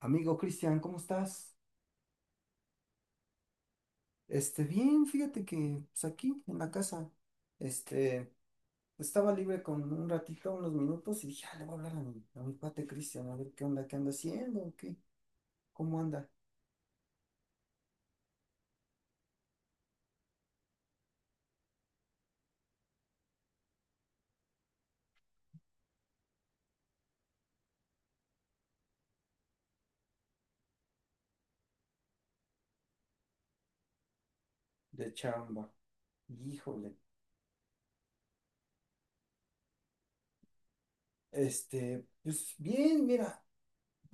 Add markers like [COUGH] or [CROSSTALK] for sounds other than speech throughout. Amigo Cristian, ¿cómo estás? Bien, fíjate que pues aquí en la casa, este, estaba libre con un ratito, unos minutos y dije, ah, le voy a hablar a mi cuate Cristian, a ver qué onda, qué anda haciendo, o qué, cómo anda de chamba. Híjole, pues bien, mira,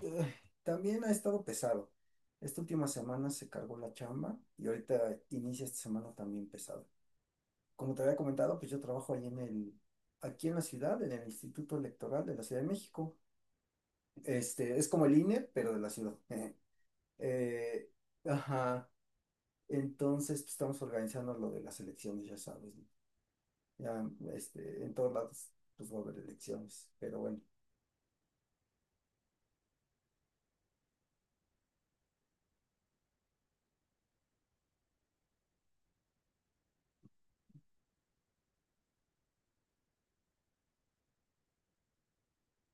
eh, también ha estado pesado. Esta última semana se cargó la chamba y ahorita inicia esta semana también pesado. Como te había comentado, pues yo trabajo ahí aquí en la ciudad, en el Instituto Electoral de la Ciudad de México. Es como el INE, pero de la ciudad. [LAUGHS] Eh, ajá. Entonces, pues, estamos organizando lo de las elecciones, ya sabes, ¿no? Ya, en todos lados, pues va a haber elecciones. Pero bueno,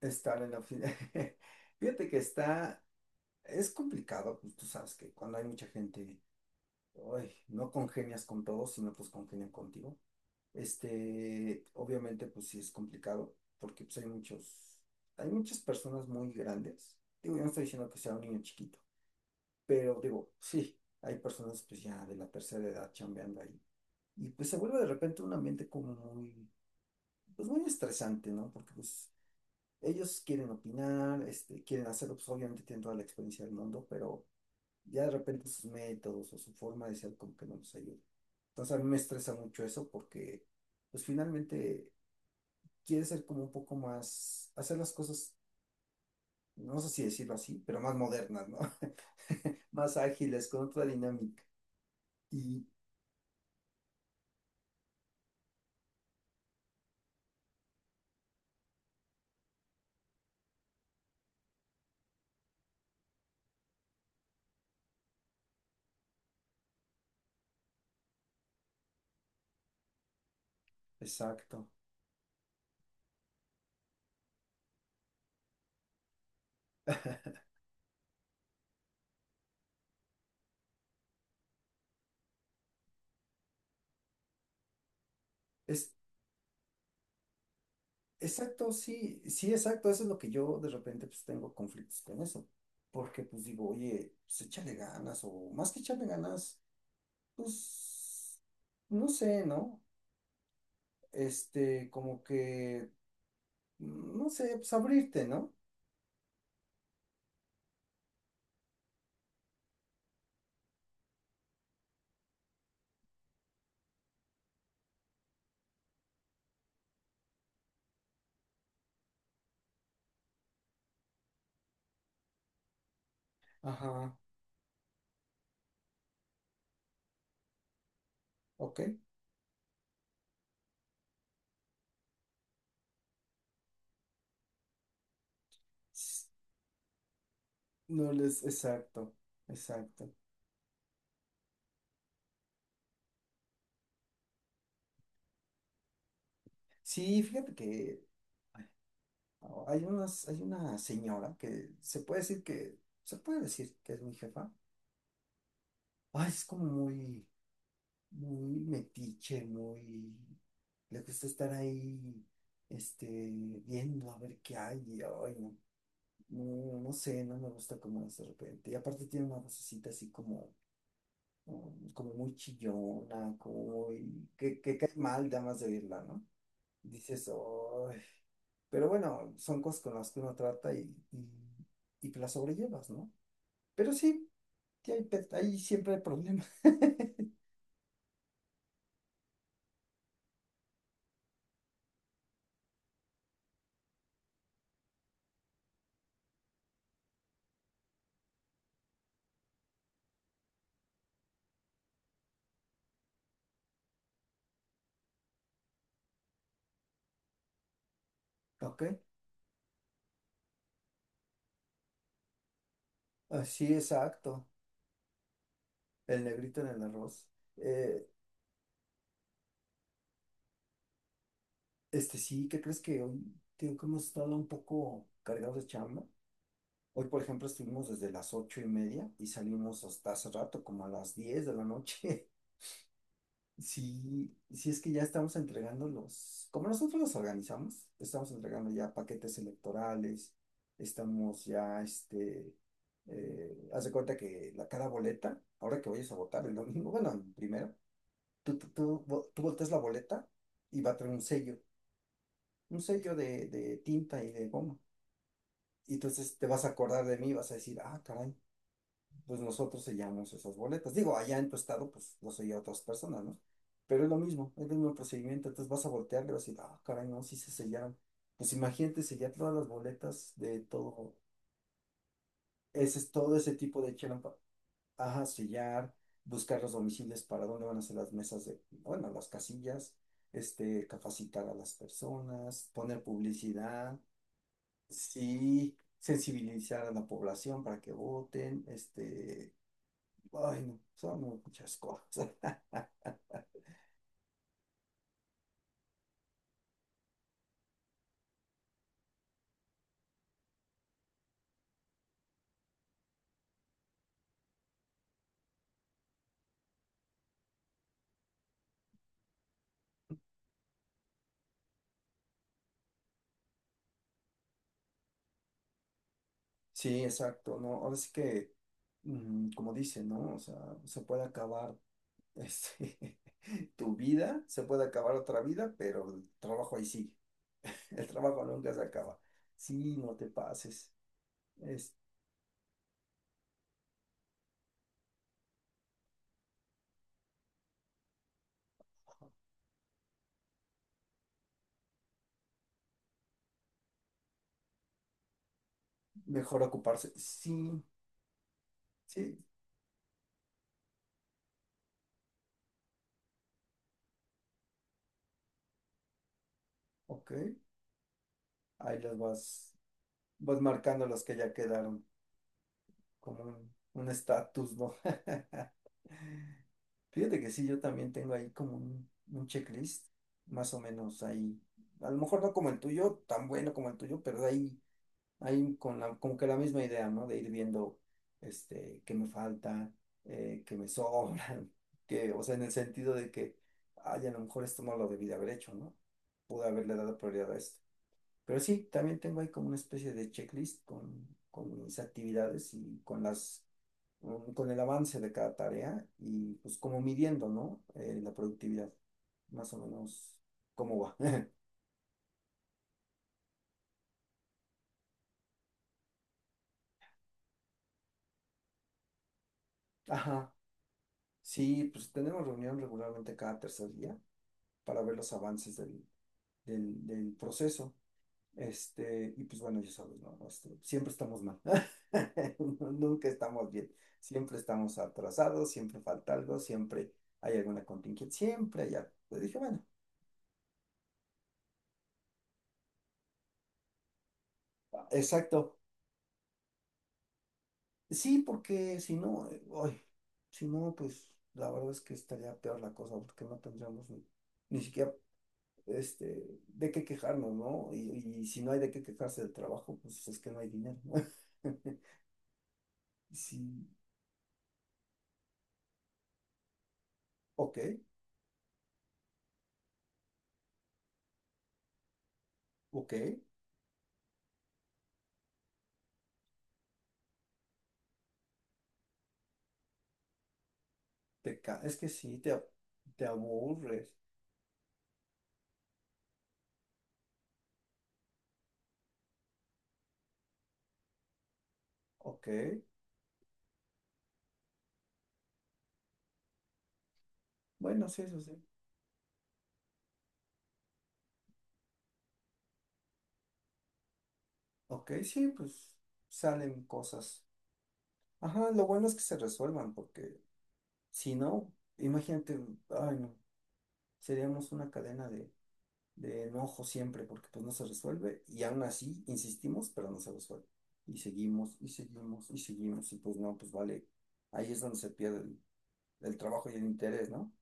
estar en la fila. [LAUGHS] Fíjate que está, es complicado, pues tú sabes que cuando hay mucha gente, uy, no congenias con todos, sino pues congenian contigo. Obviamente, pues sí es complicado, porque pues hay muchas personas muy grandes. Digo, yo no estoy diciendo que sea un niño chiquito, pero digo, sí, hay personas pues ya de la tercera edad chambeando ahí. Y pues se vuelve de repente un ambiente como muy, pues muy estresante, ¿no? Porque pues ellos quieren opinar, quieren hacerlo, pues obviamente tienen toda la experiencia del mundo, pero ya de repente sus métodos o su forma de ser como que no nos ayuda. Entonces a mí me estresa mucho eso porque pues finalmente quiere ser como un poco más, hacer las cosas, no sé si decirlo así, pero más modernas, ¿no? [LAUGHS] Más ágiles, con otra dinámica. Y exacto. Es, exacto, sí, sí, exacto. Eso es lo que yo de repente pues tengo conflictos con eso. Porque pues digo, oye, pues échale ganas o más que echarle ganas, pues, no sé, ¿no? Este, como que, no sé, pues abrirte, ¿no? Ajá, ok. S- No les, exacto, exacto. Sí, fíjate que oh, hay una señora que se puede decir se puede decir que es mi jefa. Ay, es como muy, muy metiche, muy, le gusta estar ahí, este, viendo a ver qué hay, y ay, no, no, no sé, no me gusta cómo es de repente. Y aparte tiene una vocecita así como, como muy chillona, como muy, que cae mal, nada más de oírla, ¿no? Dices, "Ay". Pero bueno, son cosas con las que uno trata y, y que las sobrellevas, ¿no? Pero sí, hay siempre hay problemas. [LAUGHS] Ok, ah, sí, exacto. El negrito en el arroz. Eh, este sí, ¿qué crees que hoy, tío, que hemos estado un poco cargados de chamba? Hoy, por ejemplo, estuvimos desde las 8:30 y salimos hasta hace rato, como a las 10 de la noche. Sí, sí es que ya estamos entregando los, como nosotros los organizamos, estamos entregando ya paquetes electorales, estamos ya, haz de cuenta que la, cada boleta, ahora que vayas a votar el domingo, bueno, el primero, tú volteas la boleta y va a tener un sello de tinta y de goma. Y entonces te vas a acordar de mí, vas a decir, ah, caray, pues nosotros sellamos esas boletas. Digo, allá en tu estado, pues lo sella otras personas, ¿no? Pero es lo mismo, es el mismo procedimiento. Entonces vas a voltear y vas a decir, ah, caray, no, sí se sellaron. Pues imagínate sellar todas las boletas de todo ese tipo de chelampa. Ajá, sellar, buscar los domicilios para dónde van a ser las mesas de, bueno, las casillas, capacitar a las personas, poner publicidad, sí, sensibilizar a la población para que voten, este. Ay, no, son muchas cosas. [LAUGHS] Sí, exacto, ¿no? Ahora sí que, como dicen, ¿no? O sea, se puede acabar este, [LAUGHS] tu vida, se puede acabar otra vida, pero el trabajo ahí sigue. [LAUGHS] El trabajo nunca se acaba. Sí, no te pases. Es mejor ocuparse. Sí, sí, ok. Ahí las vas, vas marcando los que ya quedaron, como un estatus, ¿no? [LAUGHS] Fíjate que sí, yo también tengo ahí como un checklist, más o menos ahí. A lo mejor no como el tuyo, tan bueno como el tuyo, ahí con la, como que la misma idea, ¿no? De ir viendo, qué me falta, qué me sobra, [LAUGHS] que, o sea, en el sentido de que, ay, a lo mejor esto no lo debí de haber hecho, ¿no? Pude haberle dado prioridad a esto. Pero sí, también tengo ahí como una especie de checklist con mis actividades y con las, con el avance de cada tarea y pues como midiendo, ¿no? La productividad, más o menos cómo va. [LAUGHS] Ajá, sí, pues tenemos reunión regularmente cada tercer día para ver los avances del proceso. Y pues bueno, ya sabes, ¿no? Siempre estamos mal. [LAUGHS] Nunca estamos bien. Siempre estamos atrasados, siempre falta algo, siempre hay alguna contingencia, siempre hay algo. Pues dije, bueno, exacto. Sí, porque si no, ay, si no, pues la verdad es que estaría peor la cosa, porque no tendríamos ni, ni siquiera de qué quejarnos, ¿no? Y si no hay de qué quejarse del trabajo, pues es que no hay dinero, ¿no? [LAUGHS] Sí, ok, ok. Te ca- es que sí, te, a- te aburres. Ok. Bueno, sí, eso sí. Ok, sí, pues salen cosas. Ajá, lo bueno es que se resuelvan, porque si no, imagínate, ay no, seríamos una cadena de enojo siempre, porque pues no se resuelve, y aún así insistimos, pero no se resuelve. Y seguimos, y seguimos, y seguimos, y pues no, pues vale. Ahí es donde se pierde el trabajo y el interés, ¿no?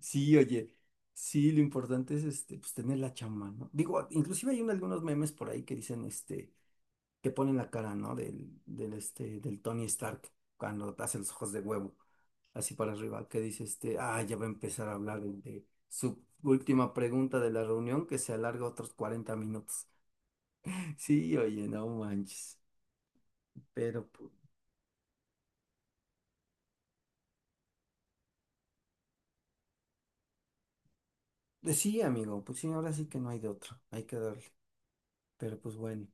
Sí, oye, sí, lo importante es pues tener la chamba, ¿no? Digo, inclusive algunos memes por ahí que dicen, que ponen la cara, ¿no? Del Tony Stark cuando hace los ojos de huevo, así para arriba, que dice, ah, ya va a empezar a hablar el de su última pregunta de la reunión que se alarga otros 40 minutos. [LAUGHS] Sí, oye, no manches. Pero, pues, pues sí, amigo, pues sí, ahora sí que no hay de otro, hay que darle. Pero pues bueno.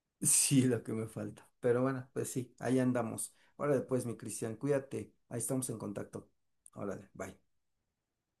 [LAUGHS] Sí, lo que me falta. Pero bueno, pues sí, ahí andamos. Órale, pues, mi Cristian, cuídate. Ahí estamos en contacto. Órale, bye.